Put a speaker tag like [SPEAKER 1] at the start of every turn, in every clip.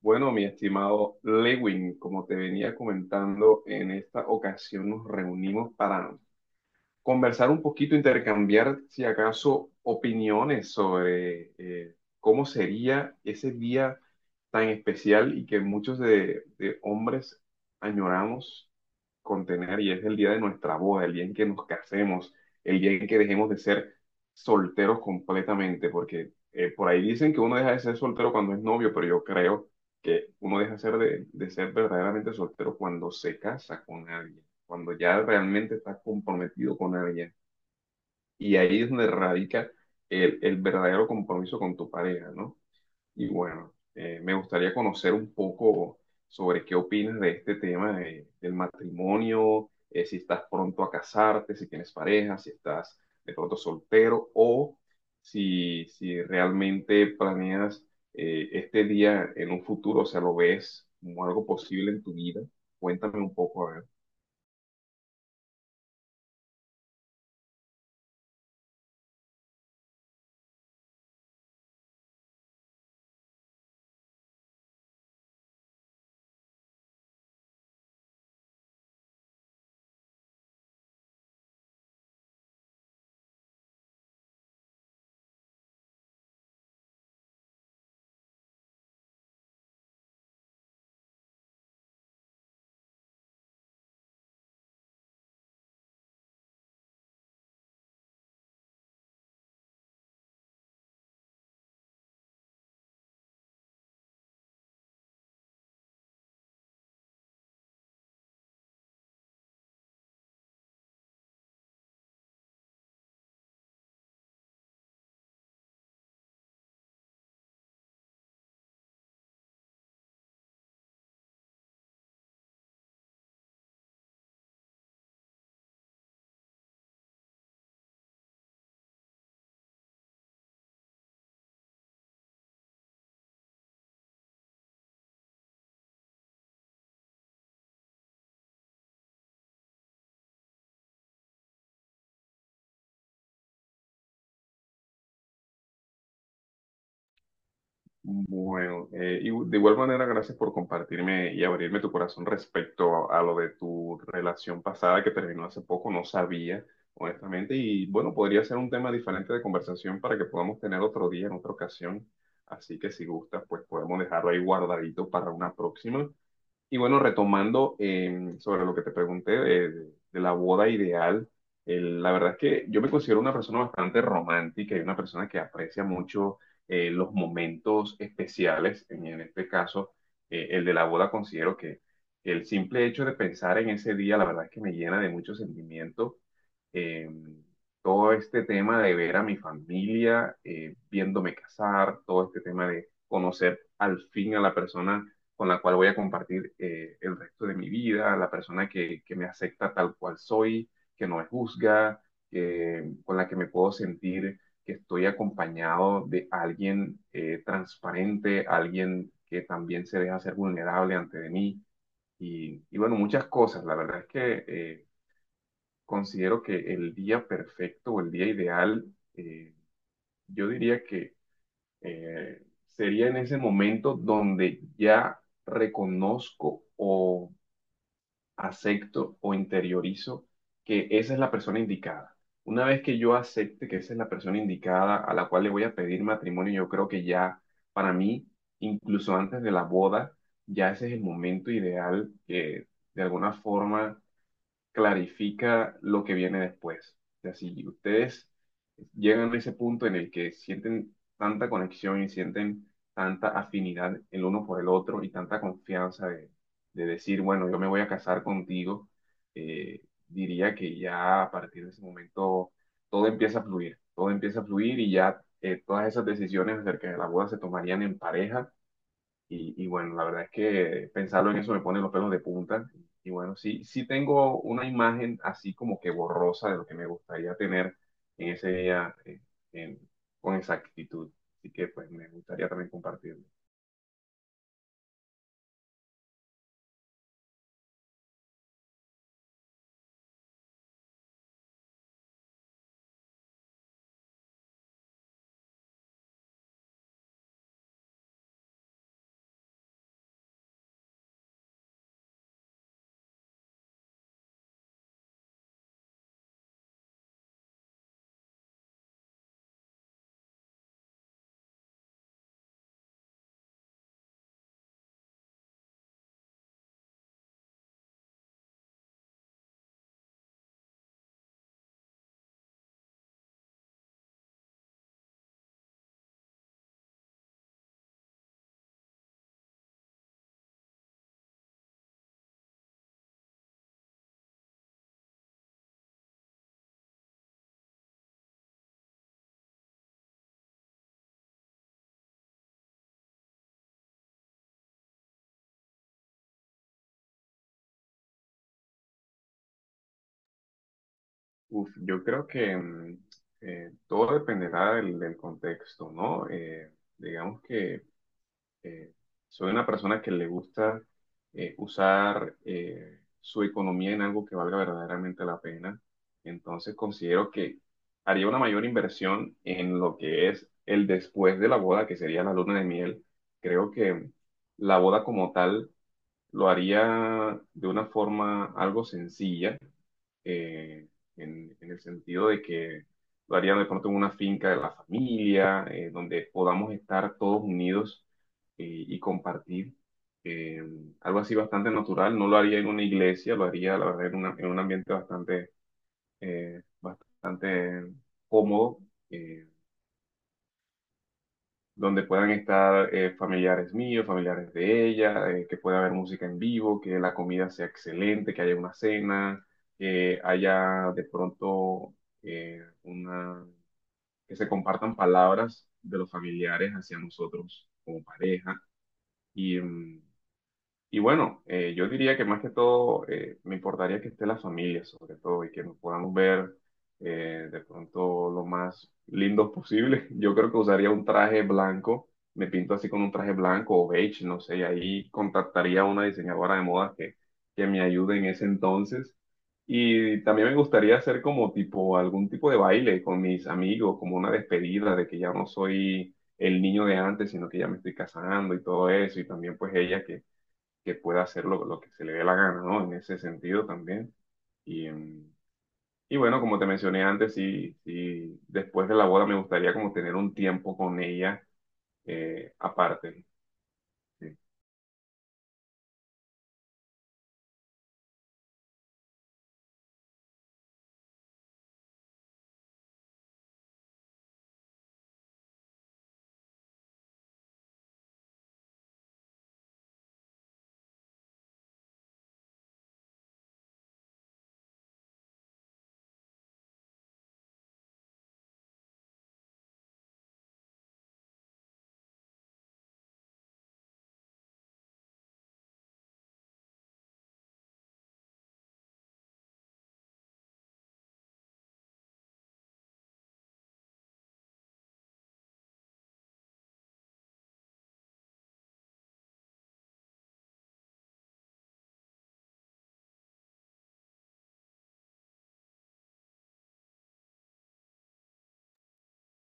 [SPEAKER 1] Bueno, mi estimado Lewin, como te venía comentando, en esta ocasión nos reunimos para conversar un poquito, intercambiar, si acaso, opiniones sobre cómo sería ese día tan especial y que muchos de hombres añoramos contener y es el día de nuestra boda, el día en que nos casemos, el día en que dejemos de ser solteros completamente, porque por ahí dicen que uno deja de ser soltero cuando es novio, pero yo creo que uno deja ser de ser verdaderamente soltero cuando se casa con alguien, cuando ya realmente está comprometido con alguien. Y ahí es donde radica el verdadero compromiso con tu pareja, ¿no? Y bueno, me gustaría conocer un poco sobre qué opinas de este tema del matrimonio, si estás pronto a casarte, si tienes pareja, si estás de pronto soltero o si realmente planeas este día en un futuro, o sea, lo ves como algo posible en tu vida. Cuéntame un poco, a ver. Bueno, y de igual manera, gracias por compartirme y abrirme tu corazón respecto a lo de tu relación pasada que terminó hace poco, no sabía, honestamente, y bueno, podría ser un tema diferente de conversación para que podamos tener otro día, en otra ocasión, así que si gustas, pues podemos dejarlo ahí guardadito para una próxima. Y bueno, retomando sobre lo que te pregunté de la boda ideal, la verdad es que yo me considero una persona bastante romántica y una persona que aprecia mucho los momentos especiales. En este caso, el de la boda considero que el simple hecho de pensar en ese día, la verdad es que me llena de mucho sentimiento, eh, todo este tema de ver a mi familia, viéndome casar, todo este tema de conocer al fin a la persona con la cual voy a compartir el resto de mi vida, la persona que me acepta tal cual soy, que no me juzga, con la que me puedo sentir que estoy acompañado de alguien transparente, alguien que también se deja ser vulnerable ante de mí. Y bueno, muchas cosas. La verdad es que considero que el día perfecto o el día ideal, eh, yo diría que eh, sería en ese momento donde ya reconozco o acepto o interiorizo que esa es la persona indicada. Una vez que yo acepte que esa es la persona indicada a la cual le voy a pedir matrimonio, yo creo que ya para mí, incluso antes de la boda, ya ese es el momento ideal que de alguna forma clarifica lo que viene después. O sea, si ustedes llegan a ese punto en el que sienten tanta conexión y sienten tanta afinidad el uno por el otro y tanta confianza de decir, bueno, yo me voy a casar contigo, eh, diría que ya a partir de ese momento todo empieza a fluir, todo empieza a fluir y ya, todas esas decisiones acerca de la boda se tomarían en pareja y bueno, la verdad es que pensarlo en eso me pone los pelos de punta. Y bueno, sí, sí tengo una imagen así como que borrosa de lo que me gustaría tener en ese día, en- con exactitud. Así que pues me gustaría también compartirlo. Uf, yo creo que todo dependerá del contexto, ¿no? Digamos que Eh, soy una persona que le gusta usar su economía en algo que valga verdaderamente la pena. Entonces considero que haría una mayor inversión en lo que es el después de la boda, que sería la luna de miel. Creo que la boda como tal lo haría de una forma algo sencilla, eh, en el sentido de que lo haría de pronto en una finca de la familia, donde podamos estar todos unidos y compartir. eh, Algo así bastante natural, no lo haría en una iglesia, lo haría, la verdad, en, en un ambiente bastante, eh, bastante cómodo. eh, Donde puedan estar familiares míos, familiares de ella, que pueda haber música en vivo, que la comida sea excelente, que haya una cena, que haya de pronto una, que se compartan palabras de los familiares hacia nosotros como pareja. Y, y bueno, yo diría que más que todo me importaría que esté la familia, sobre todo, y que nos podamos ver, de pronto lo más lindos posible. Yo creo que usaría un traje blanco, me pinto así con un traje blanco o beige, no sé, y ahí contactaría a una diseñadora de modas que me ayude en ese entonces. Y también me gustaría hacer como tipo algún tipo de baile con mis amigos, como una despedida de que ya no soy el niño de antes, sino que ya me estoy casando y todo eso, y también pues ella que pueda hacer lo que se le dé la gana, ¿no? En ese sentido también. Y, y bueno, como te mencioné antes, sí, sí, después de la boda me gustaría como tener un tiempo con ella aparte. ¿No? Sí.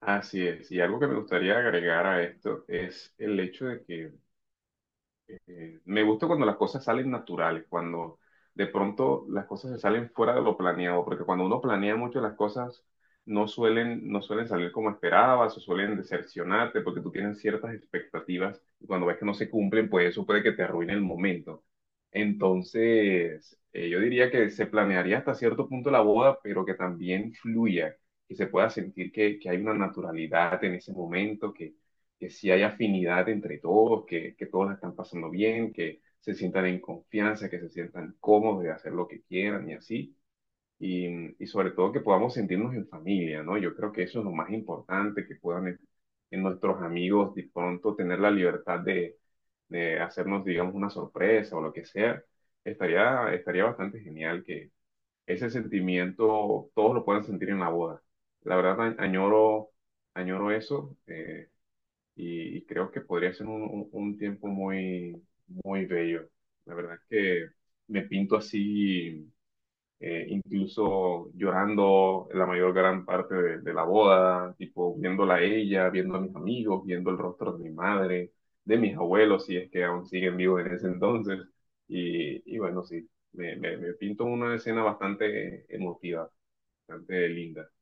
[SPEAKER 1] Así es. Y algo que me gustaría agregar a esto es el hecho de que me gusta cuando las cosas salen naturales, cuando de pronto las cosas se salen fuera de lo planeado, porque cuando uno planea mucho las cosas no suelen, no suelen salir como esperabas o suelen decepcionarte porque tú tienes ciertas expectativas y cuando ves que no se cumplen, pues eso puede que te arruine el momento. Entonces, yo diría que se planearía hasta cierto punto la boda, pero que también fluya, que se pueda sentir que hay una naturalidad en ese momento, que sí hay afinidad entre todos, que todos la están pasando bien, que se sientan en confianza, que se sientan cómodos de hacer lo que quieran y así. Y, y sobre todo que podamos sentirnos en familia, ¿no? Yo creo que eso es lo más importante, que puedan en nuestros amigos de pronto tener la libertad de hacernos, digamos, una sorpresa o lo que sea. Estaría bastante genial que ese sentimiento todos lo puedan sentir en la boda. La verdad, añoro, añoro eso. Y, y creo que podría ser un tiempo muy, muy bello. La verdad es que me pinto así, incluso llorando la mayor gran parte de la boda, tipo viéndola a ella, viendo a mis amigos, viendo el rostro de mi madre, de mis abuelos, si es que aún siguen vivos en ese entonces. Y bueno, sí, me pinto una escena bastante emotiva, bastante linda.